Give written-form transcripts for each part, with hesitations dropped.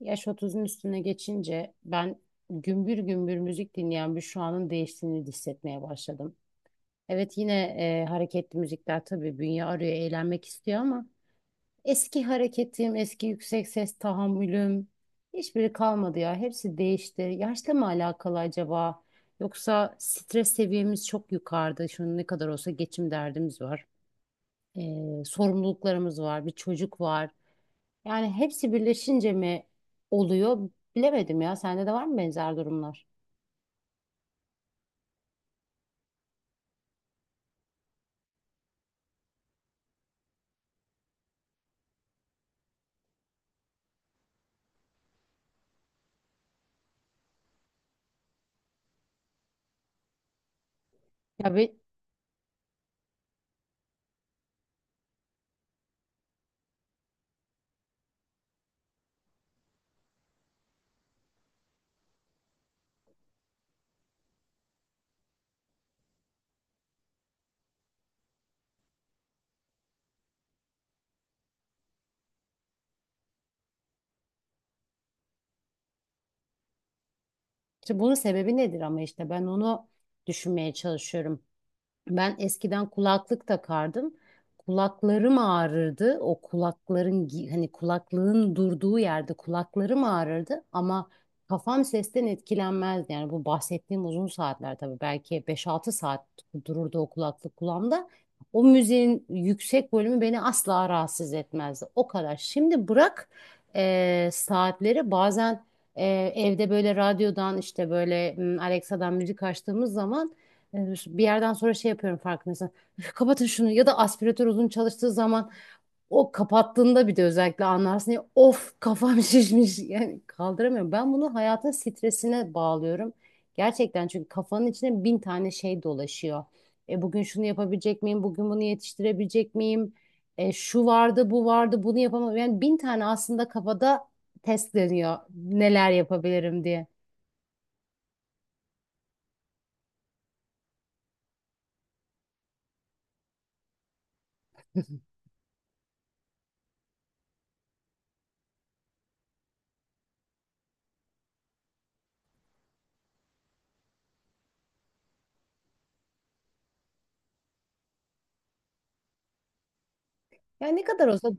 Yaş 30'un üstüne geçince ben gümbür gümbür müzik dinleyen bir şu anın değiştiğini hissetmeye başladım. Evet yine hareketli müzikler tabii bünye arıyor, eğlenmek istiyor ama eski hareketim, eski yüksek ses tahammülüm hiçbiri kalmadı ya. Hepsi değişti. Yaşla mı alakalı acaba? Yoksa stres seviyemiz çok yukarıda. Şu an ne kadar olsa geçim derdimiz var. Sorumluluklarımız var, bir çocuk var. Yani hepsi birleşince mi oluyor? Bilemedim ya. Sende de var mı benzer durumlar? Ya bir, işte bunun sebebi nedir ama işte ben onu düşünmeye çalışıyorum. Ben eskiden kulaklık takardım. Kulaklarım ağrırdı. O kulakların hani kulaklığın durduğu yerde kulaklarım ağrırdı ama kafam sesten etkilenmezdi. Yani bu bahsettiğim uzun saatler tabii belki beş-altı saat dururdu o kulaklık kulağımda. O müziğin yüksek bölümü beni asla rahatsız etmezdi. O kadar. Şimdi bırak saatleri bazen e, evde böyle radyodan işte böyle Alexa'dan müzik açtığımız zaman yani bir yerden sonra şey yapıyorum farkındaysan. "Üf, kapatın şunu" ya da aspiratör uzun çalıştığı zaman o kapattığında bir de özellikle anlarsın ya, of kafam şişmiş yani kaldıramıyorum. Ben bunu hayatın stresine bağlıyorum. Gerçekten çünkü kafanın içine bin tane şey dolaşıyor. Bugün şunu yapabilecek miyim? Bugün bunu yetiştirebilecek miyim? Şu vardı, bu vardı, bunu yapamam. Yani bin tane aslında kafada test dönüyor neler yapabilirim diye. Yani ne kadar olsa.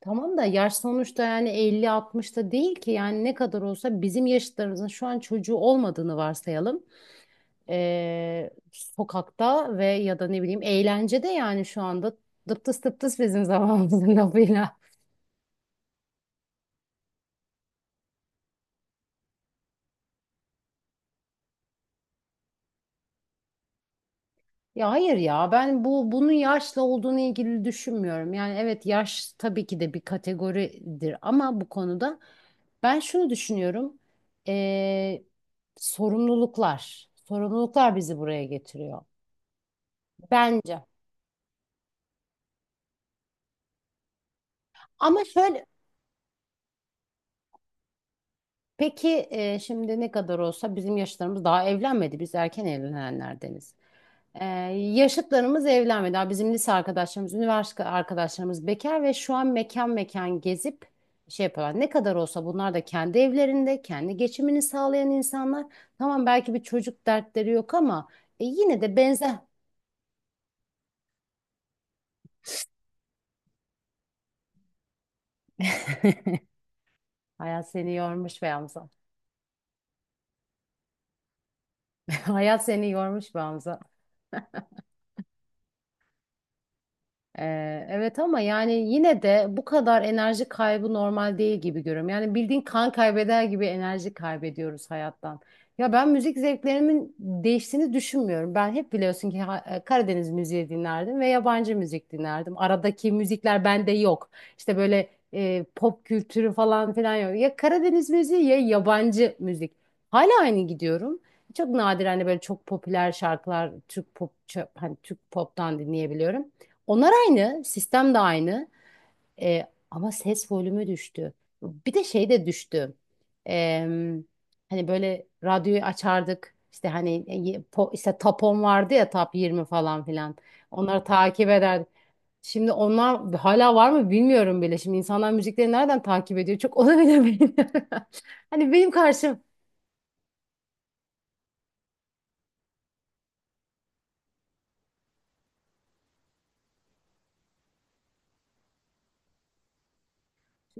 Tamam da yaş sonuçta, yani 50-60'ta değil ki, yani ne kadar olsa bizim yaşıtlarımızın şu an çocuğu olmadığını varsayalım. Sokakta ve ya da ne bileyim eğlencede, yani şu anda dıptıs dıptıs bizim zamanımızın lafıyla. Ya hayır ya, ben bunun yaşla olduğunu ilgili düşünmüyorum. Yani evet, yaş tabii ki de bir kategoridir ama bu konuda ben şunu düşünüyorum. Ee, sorumluluklar. Sorumluluklar bizi buraya getiriyor. Bence. Ama şöyle peki, şimdi ne kadar olsa bizim yaşlarımız daha evlenmedi. Biz erken evlenenlerdeniz. E, yaşıtlarımız evlenmedi. Daha bizim lise arkadaşlarımız, üniversite arkadaşlarımız bekar ve şu an mekan mekan gezip şey yapıyorlar. Ne kadar olsa bunlar da kendi evlerinde, kendi geçimini sağlayan insanlar. Tamam, belki bir çocuk dertleri yok ama yine de benzer. Hayat seni yormuş be Hamza. Hayat seni yormuş be Hamza. Evet ama yani yine de bu kadar enerji kaybı normal değil gibi görüyorum. Yani bildiğin kan kaybeder gibi enerji kaybediyoruz hayattan. Ya ben müzik zevklerimin değiştiğini düşünmüyorum. Ben hep biliyorsun ki Karadeniz müziği dinlerdim ve yabancı müzik dinlerdim. Aradaki müzikler bende yok. İşte böyle pop kültürü falan filan yok. Ya Karadeniz müziği ya yabancı müzik. Hala aynı gidiyorum. Çok nadir hani böyle çok popüler şarkılar Türk pop, hani Türk pop'tan dinleyebiliyorum. Onlar aynı, sistem de aynı. Ama ses volümü düştü. Bir de şey de düştü. Ee, hani böyle radyoyu açardık. İşte hani, işte Tapon vardı ya, Tap 20 falan filan. Onları takip ederdik. Şimdi onlar hala var mı bilmiyorum bile. Şimdi insanlar müzikleri nereden takip ediyor? Çok onu bile bilmiyorum. Hani benim karşım,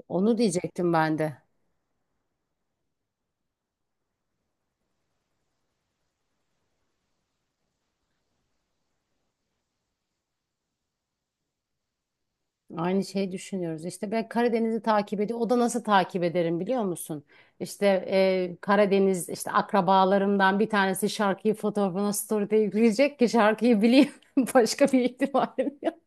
onu diyecektim ben de. Aynı şeyi düşünüyoruz. İşte ben Karadeniz'i takip ediyorum. O da nasıl takip ederim biliyor musun? İşte Karadeniz işte akrabalarımdan bir tanesi şarkıyı fotoğrafına story'de yükleyecek ki şarkıyı bileyim. Başka bir ihtimalim yok.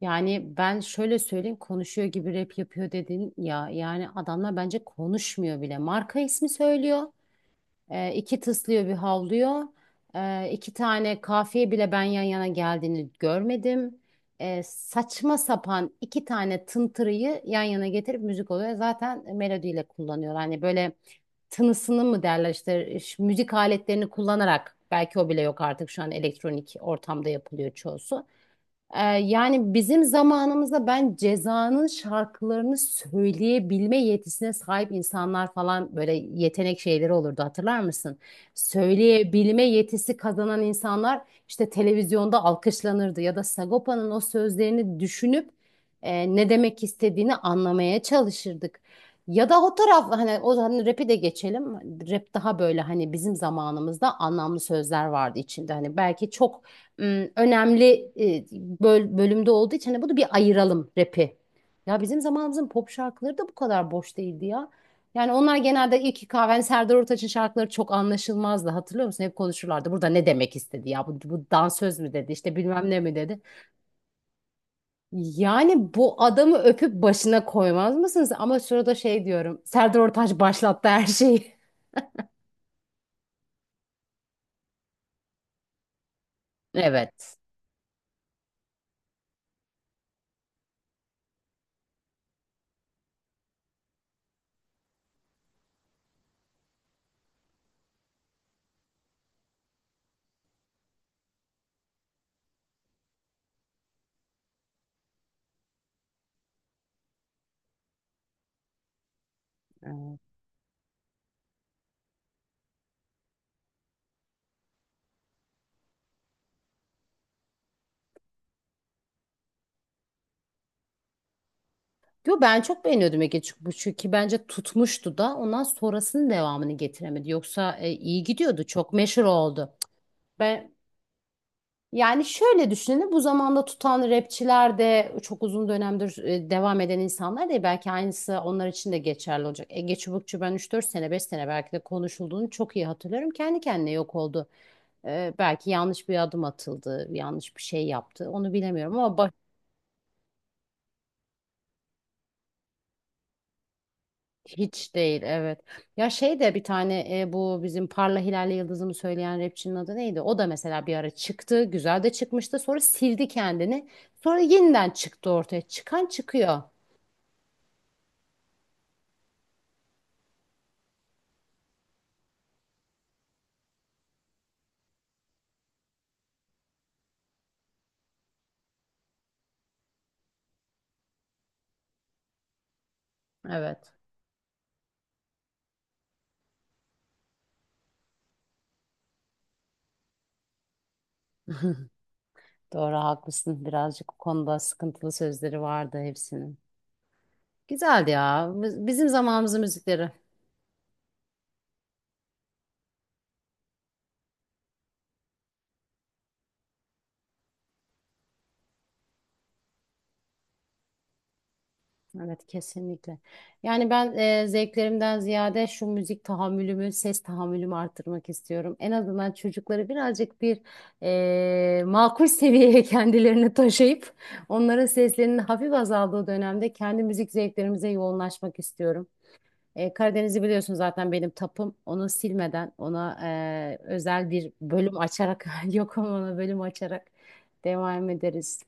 Yani ben şöyle söyleyeyim, konuşuyor gibi rap yapıyor dedin ya. Yani adamlar bence konuşmuyor bile. Marka ismi söylüyor. İki tıslıyor bir havlıyor. İki tane kafiye bile ben yan yana geldiğini görmedim. Saçma sapan iki tane tıntırıyı yan yana getirip müzik oluyor. Zaten melodiyle kullanıyor. Hani böyle tınısını mı derler, işte müzik aletlerini kullanarak, belki o bile yok artık, şu an elektronik ortamda yapılıyor çoğusu. Yani bizim zamanımızda ben Ceza'nın şarkılarını söyleyebilme yetisine sahip insanlar falan böyle yetenek şeyleri olurdu, hatırlar mısın? Söyleyebilme yetisi kazanan insanlar işte televizyonda alkışlanırdı ya da Sagopa'nın o sözlerini düşünüp ne demek istediğini anlamaya çalışırdık. Ya da o taraf, hani o hani rap'i de geçelim. Rap daha böyle, hani bizim zamanımızda anlamlı sözler vardı içinde. Hani belki çok önemli e, bölümde olduğu için hani bunu bir ayıralım rap'i. Ya bizim zamanımızın pop şarkıları da bu kadar boş değildi ya. Yani onlar genelde İlki Kahven, Serdar Ortaç'ın şarkıları çok anlaşılmazdı. Hatırlıyor musun? Hep konuşurlardı. Burada ne demek istedi ya? Bu dansöz mü dedi? İşte bilmem ne mi dedi? Yani bu adamı öpüp başına koymaz mısınız? Ama şurada şey diyorum. Serdar Ortaç başlattı her şeyi. Evet. Yo, ben çok beğeniyordum Ege Çıkmış'ı ki bence tutmuştu da ondan sonrasının devamını getiremedi. Yoksa iyi gidiyordu, çok meşhur oldu. Ben, yani şöyle düşünün, bu zamanda tutan rapçiler de çok uzun dönemdir devam eden insanlar değil. Belki aynısı onlar için de geçerli olacak. Ege Çubukçu ben üç dört sene 5 sene belki de konuşulduğunu çok iyi hatırlıyorum. Kendi kendine yok oldu. Belki yanlış bir adım atıldı, yanlış bir şey yaptı, onu bilemiyorum ama. Hiç değil, evet. Ya şey de, bir tane bu bizim Parla Hilal'le Yıldız'ımı söyleyen rapçinin adı neydi? O da mesela bir ara çıktı. Güzel de çıkmıştı. Sonra sildi kendini. Sonra yeniden çıktı ortaya. Çıkan çıkıyor. Evet. Doğru, haklısın. Birazcık bu konuda sıkıntılı sözleri vardı hepsinin. Güzeldi ya. Bizim zamanımızın müzikleri. Evet, kesinlikle. Yani ben zevklerimden ziyade şu müzik tahammülümü, ses tahammülümü arttırmak istiyorum. En azından çocukları birazcık bir makul seviyeye kendilerini taşıyıp onların seslerinin hafif azaldığı dönemde kendi müzik zevklerimize yoğunlaşmak istiyorum. Karadeniz'i biliyorsun zaten benim tapım. Onu silmeden, ona özel bir bölüm açarak, yok ama ona bölüm açarak devam ederiz.